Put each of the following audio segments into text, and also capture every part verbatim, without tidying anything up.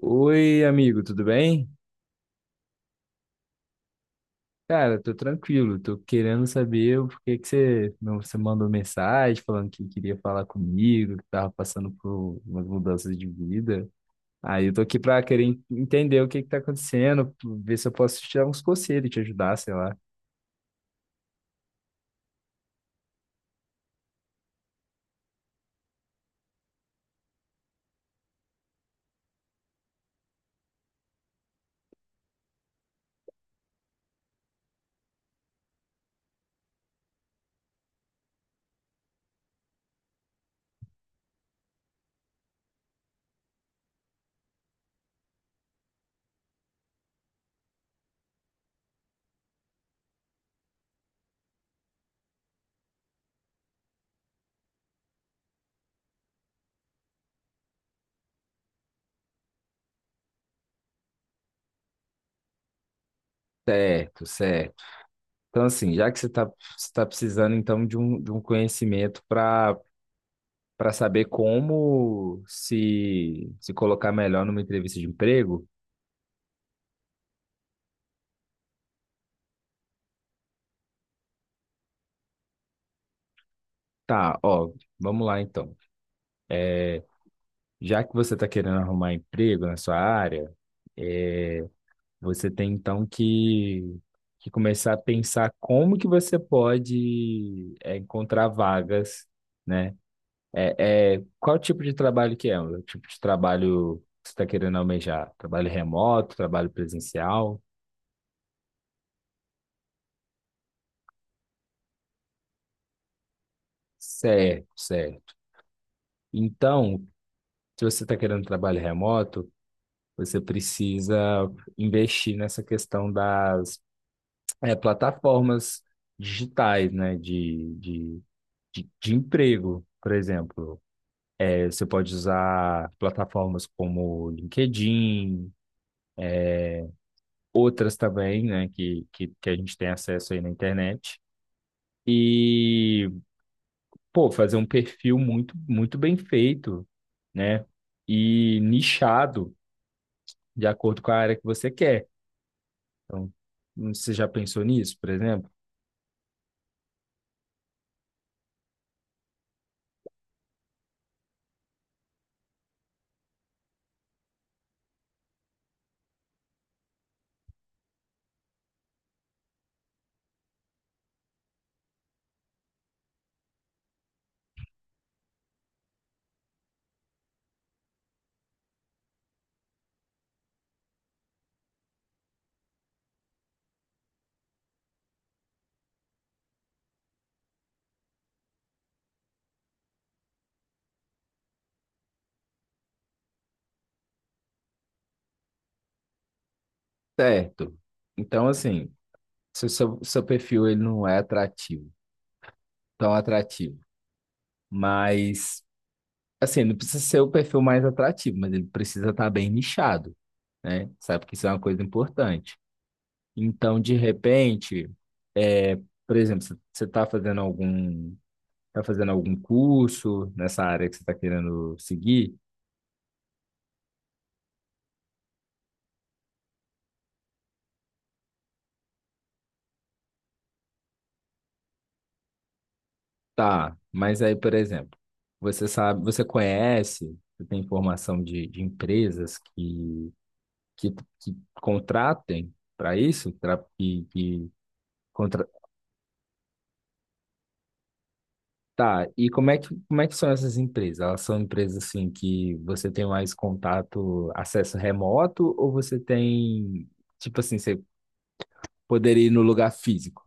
Oi, amigo, tudo bem? Cara, tô tranquilo, tô querendo saber por que que você, não- você mandou mensagem falando que queria falar comigo, que tava passando por umas mudanças de vida. Aí eu tô aqui pra querer en- entender o que que tá acontecendo, ver se eu posso te dar uns conselhos, te ajudar, sei lá. Certo, certo. Então, assim, já que você está você tá precisando, então, de um, de um conhecimento para para saber como se, se colocar melhor numa entrevista de emprego, tá, ó, vamos lá, então. Já que você está querendo arrumar emprego na sua área, é, você tem então que, que começar a pensar como que você pode é, encontrar vagas, né? É, é, qual tipo de trabalho que é? O tipo de trabalho que você está querendo almejar? Trabalho remoto, trabalho presencial? Certo, certo. Então, se você está querendo trabalho remoto, você precisa investir nessa questão das é, plataformas digitais, né, de, de, de, de emprego, por exemplo. É, você pode usar plataformas como LinkedIn, outras também, né, que, que, que a gente tem acesso aí na internet. E, pô, fazer um perfil muito, muito bem feito, né, e nichado de acordo com a área que você quer. Então, você já pensou nisso, por exemplo? Certo. Então, assim, se o seu, seu perfil ele não é atrativo, tão atrativo. Mas, assim, não precisa ser o perfil mais atrativo, mas ele precisa estar bem nichado, né? Sabe que isso é uma coisa importante. Então, de repente, é, por exemplo, você você está fazendo algum, tá fazendo algum curso nessa área que você está querendo seguir? Tá, mas aí, por exemplo, você sabe, você conhece, você tem informação de, de empresas que, que, que contratem para isso, tra- que, que Tá, e como é que, como é que são essas empresas? Elas são empresas assim que você tem mais contato, acesso remoto, ou você tem, tipo assim, você poderia ir no lugar físico?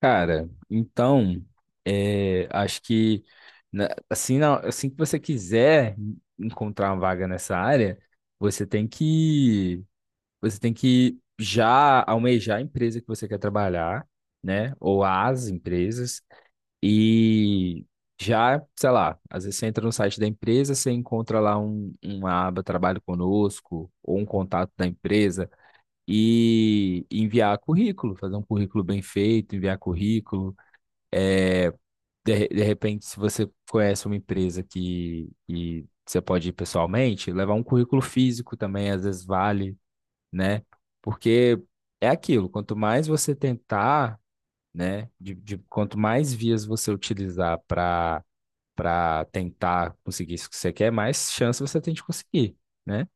Cara, então, é, acho que na- assim, na- assim que você quiser encontrar uma vaga nessa área, você tem que, você tem que já almejar a empresa que você quer trabalhar, né? Ou as empresas. E já, sei lá, às vezes você entra no site da empresa, você encontra lá um, uma aba Trabalho Conosco ou um contato da empresa e enviar currículo, fazer um currículo bem feito, enviar currículo. É, de, de repente, se você conhece uma empresa que, que você pode ir pessoalmente, levar um currículo físico também, às vezes vale, né? Porque é aquilo, quanto mais você tentar, né, de, de- quanto mais vias você utilizar para para tentar conseguir isso que você quer, mais chance você tem de conseguir, né?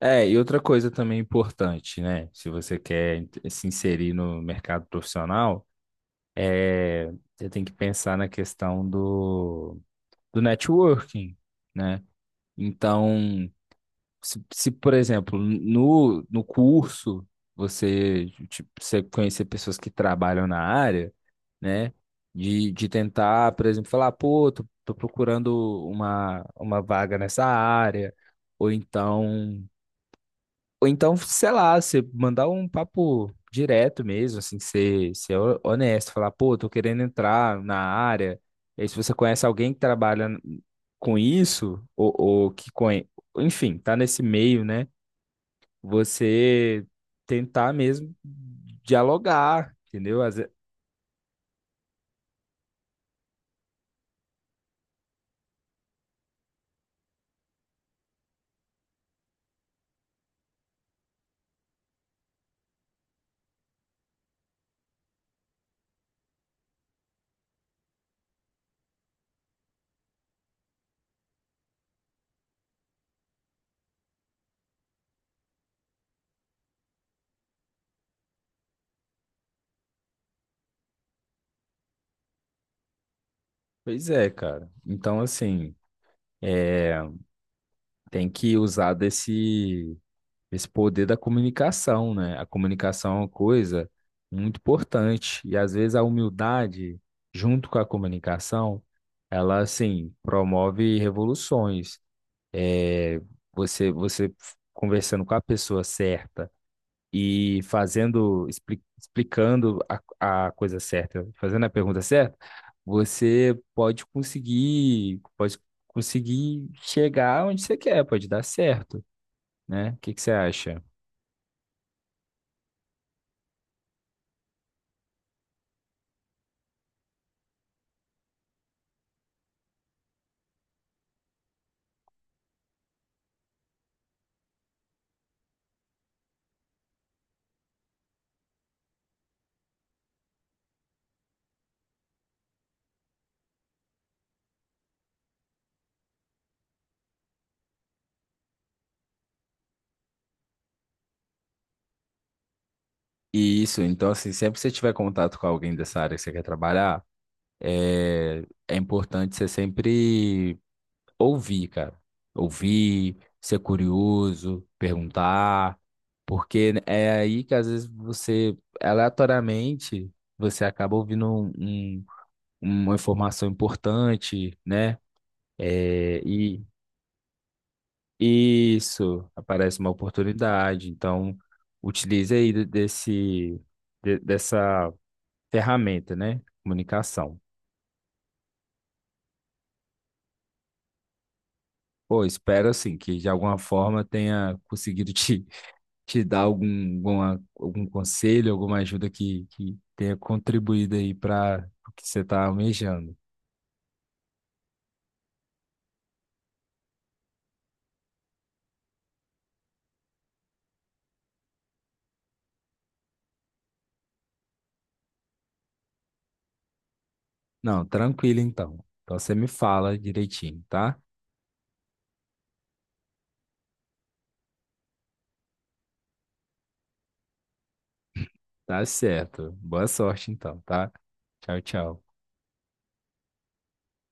É, e outra coisa também importante, né? Se você quer ent- se inserir no mercado profissional, é, você tem que pensar na questão do, do networking, né? Então, Se, se, por exemplo, no, no curso você, tipo, você conhecer pessoas que trabalham na área, né? De, de tentar, por exemplo, falar, pô, tô, tô procurando uma, uma vaga nessa área, ou então, ou então, sei lá, você mandar um papo direto mesmo, assim, ser, ser ho- honesto, falar, pô, tô querendo entrar na área. E aí, se você conhece alguém que trabalha com isso, ou, ou que conhe... enfim, tá nesse meio, né? Você tentar mesmo dialogar, entendeu? Às ve- Pois é, cara. Então, assim, é, tem que usar desse, desse poder da comunicação, né? A comunicação é uma coisa muito importante. E às vezes a humildade, junto com a comunicação, ela, assim, promove revoluções. É, você, você conversando com a pessoa certa e fazendo, expli- explicando a, a coisa certa, fazendo a pergunta certa, você pode conseguir, pode conseguir chegar onde você quer, pode dar certo, né? O que que você acha? E isso, então, assim, sempre que você tiver contato com alguém dessa área que você quer trabalhar, é, é importante você sempre ouvir, cara. Ouvir, ser curioso, perguntar, porque é aí que às vezes você, aleatoriamente, você acaba ouvindo um- um- uma informação importante, né? É, e isso aparece uma oportunidade. Então, utilize aí de- desse, de- dessa ferramenta, né? Comunicação. Pô, espero assim que de alguma forma tenha conseguido te te dar algum, alguma- algum conselho, alguma ajuda que, que tenha contribuído aí para o que você está almejando. Não, tranquilo então. Então você me fala direitinho, tá? Tá certo. Boa sorte então, tá? Tchau, tchau.